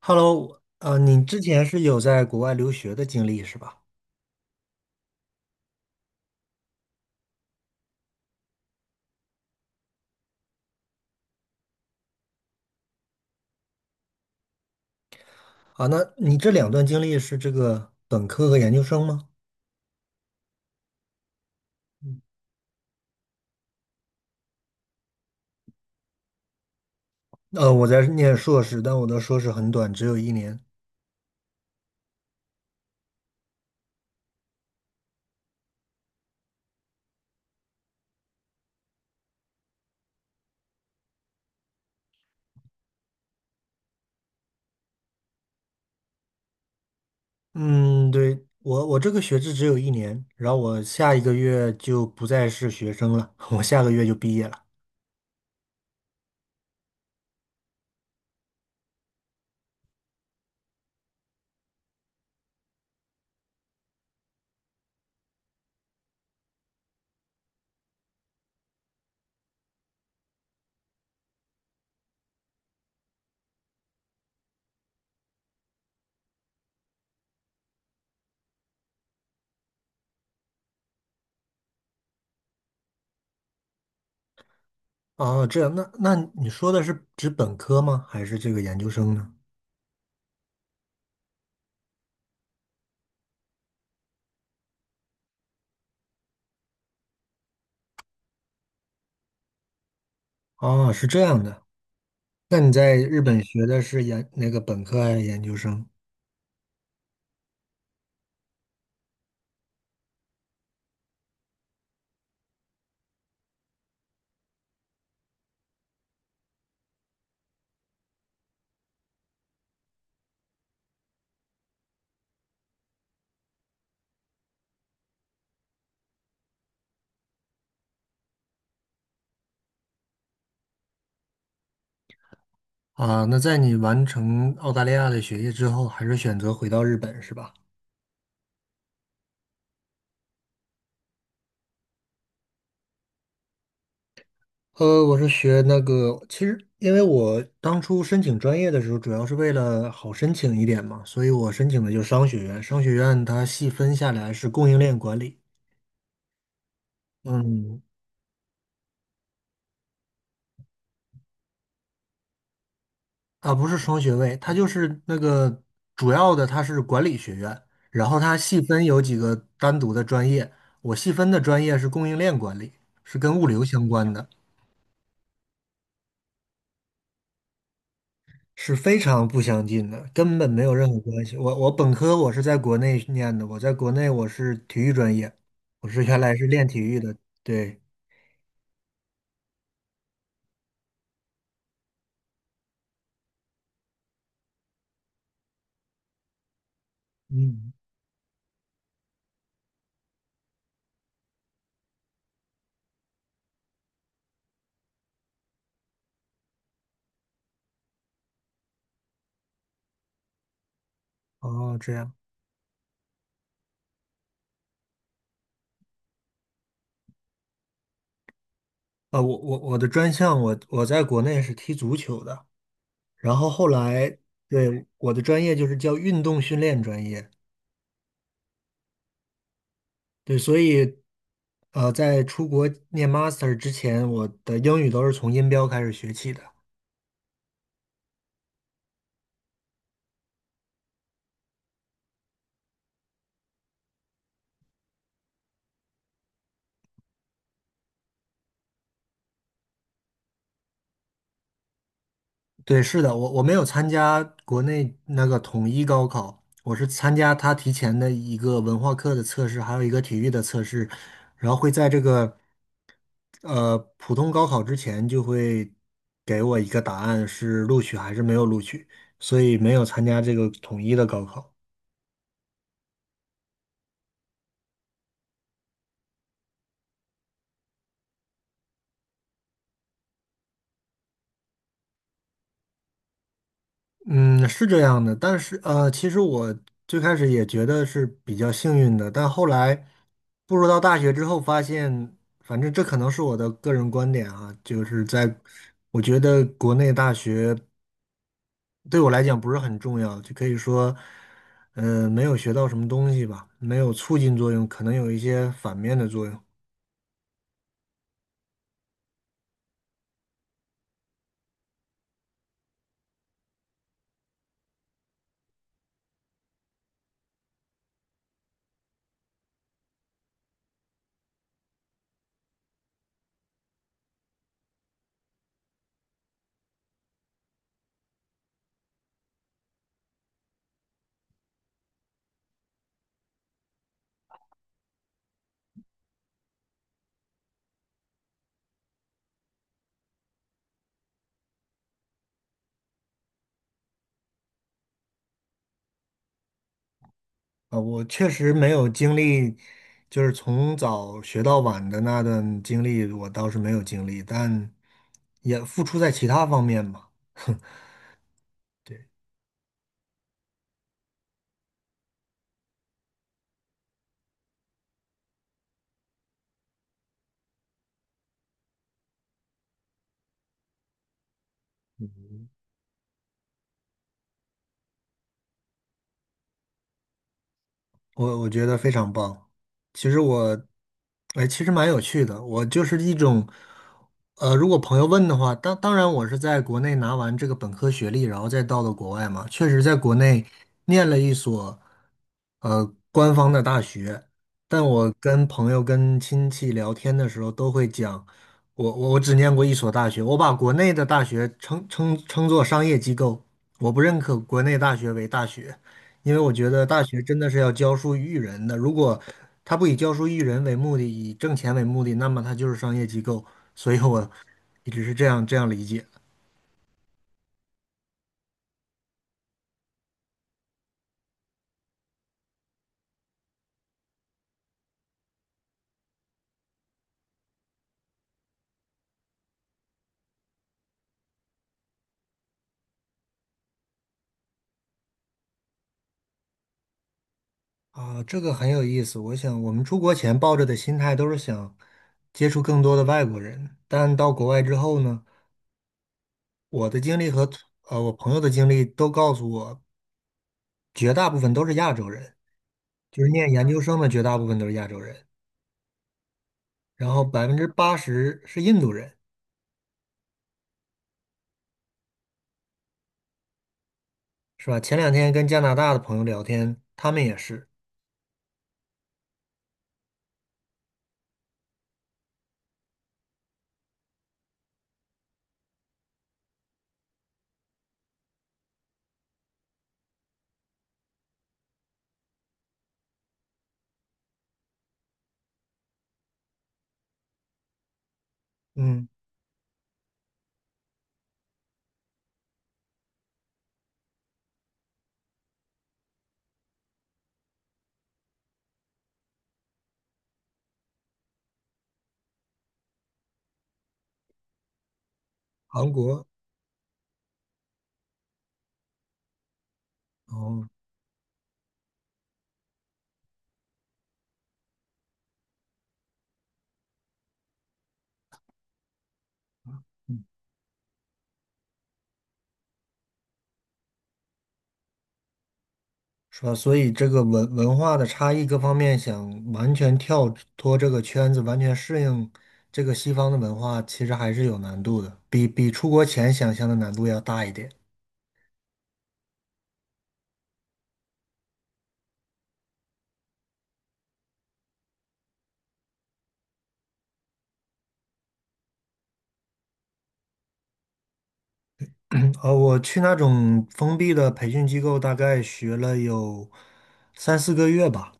Hello，你之前是有在国外留学的经历是吧？啊，那你这两段经历是这个本科和研究生吗？我在念硕士，但我的硕士很短，只有一年。嗯，对，我这个学制只有一年，然后我下一个月就不再是学生了，我下个月就毕业了。哦，这样，那你说的是指本科吗？还是这个研究生呢？哦，是这样的。那你在日本学的是那个本科还是研究生？啊，那在你完成澳大利亚的学业之后，还是选择回到日本是吧？我是学那个，其实因为我当初申请专业的时候，主要是为了好申请一点嘛，所以我申请的就是商学院。商学院它细分下来是供应链管理。嗯。啊，不是双学位，它就是那个主要的，它是管理学院，然后它细分有几个单独的专业，我细分的专业是供应链管理，是跟物流相关的。是非常不相近的，根本没有任何关系。我本科我是在国内念的，我在国内我是体育专业，我是原来是练体育的。对。嗯。哦，这样。啊，我的专项我在国内是踢足球的，然后后来，对，我的专业就是叫运动训练专业。对，所以在出国念 master 之前，我的英语都是从音标开始学起的。对，是的，我没有参加国内那个统一高考，我是参加他提前的一个文化课的测试，还有一个体育的测试，然后会在这个普通高考之前就会给我一个答案是录取还是没有录取，所以没有参加这个统一的高考。嗯，是这样的，但是其实我最开始也觉得是比较幸运的，但后来步入到大学之后，发现，反正这可能是我的个人观点啊，就是在我觉得国内大学对我来讲不是很重要，就可以说，没有学到什么东西吧，没有促进作用，可能有一些反面的作用。啊，我确实没有经历，就是从早学到晚的那段经历，我倒是没有经历，但也付出在其他方面吧。对。我觉得非常棒。其实我，哎，其实蛮有趣的。我就是一种，如果朋友问的话，当然我是在国内拿完这个本科学历，然后再到了国外嘛。确实在国内念了一所，官方的大学。但我跟朋友、跟亲戚聊天的时候，都会讲，我只念过一所大学，我把国内的大学称作商业机构，我不认可国内大学为大学。因为我觉得大学真的是要教书育人的。如果他不以教书育人为目的，以挣钱为目的，那么他就是商业机构。所以我一直是这样理解。啊，这个很有意思。我想我们出国前抱着的心态都是想接触更多的外国人，但到国外之后呢，我的经历和我朋友的经历都告诉我，绝大部分都是亚洲人，就是念研究生的绝大部分都是亚洲人，然后80%是印度人。是吧？前两天跟加拿大的朋友聊天，他们也是。嗯。韩国。哦，是吧？所以这个文化的差异各方面，想完全跳脱这个圈子，完全适应这个西方的文化，其实还是有难度的，比出国前想象的难度要大一点。嗯，我去那种封闭的培训机构，大概学了有3、4个月吧。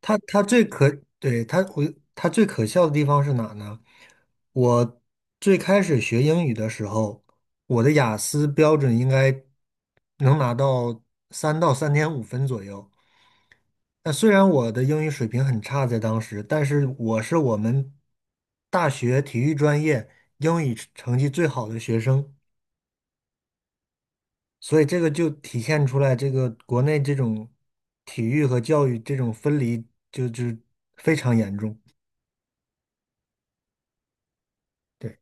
他他最可，对，他最可笑的地方是哪呢？我最开始学英语的时候，我的雅思标准应该能拿到3到3.5分左右。那虽然我的英语水平很差，在当时，但是我是我们大学体育专业英语成绩最好的学生，所以这个就体现出来，这个国内这种体育和教育这种分离就非常严重。对。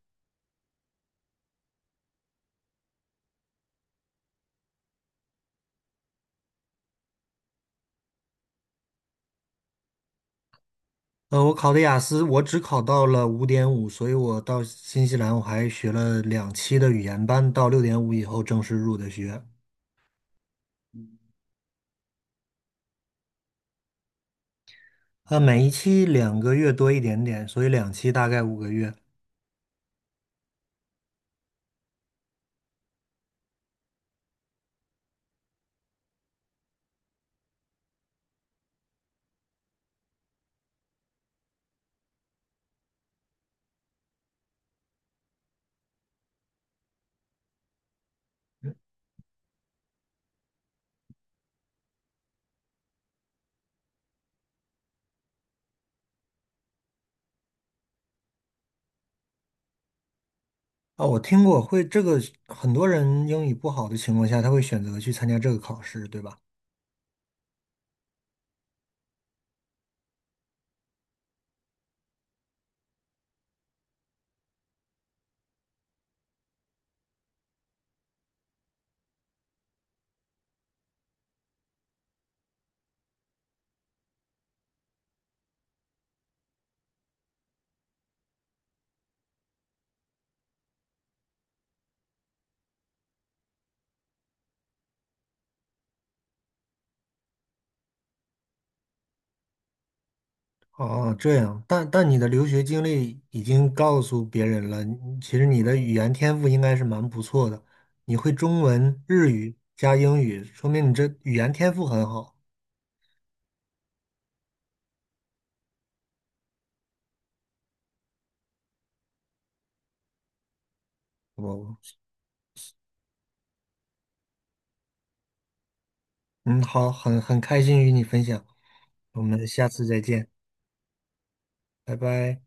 我考的雅思，我只考到了5.5，所以我到新西兰我还学了两期的语言班，到6.5以后正式入的学。每一期2个月多一点点，所以两期大概5个月。啊，我听过会这个，很多人英语不好的情况下，他会选择去参加这个考试，对吧？哦，这样，但你的留学经历已经告诉别人了，你其实你的语言天赋应该是蛮不错的，你会中文、日语加英语，说明你这语言天赋很好。我，嗯，好，很开心与你分享，我们下次再见，拜拜。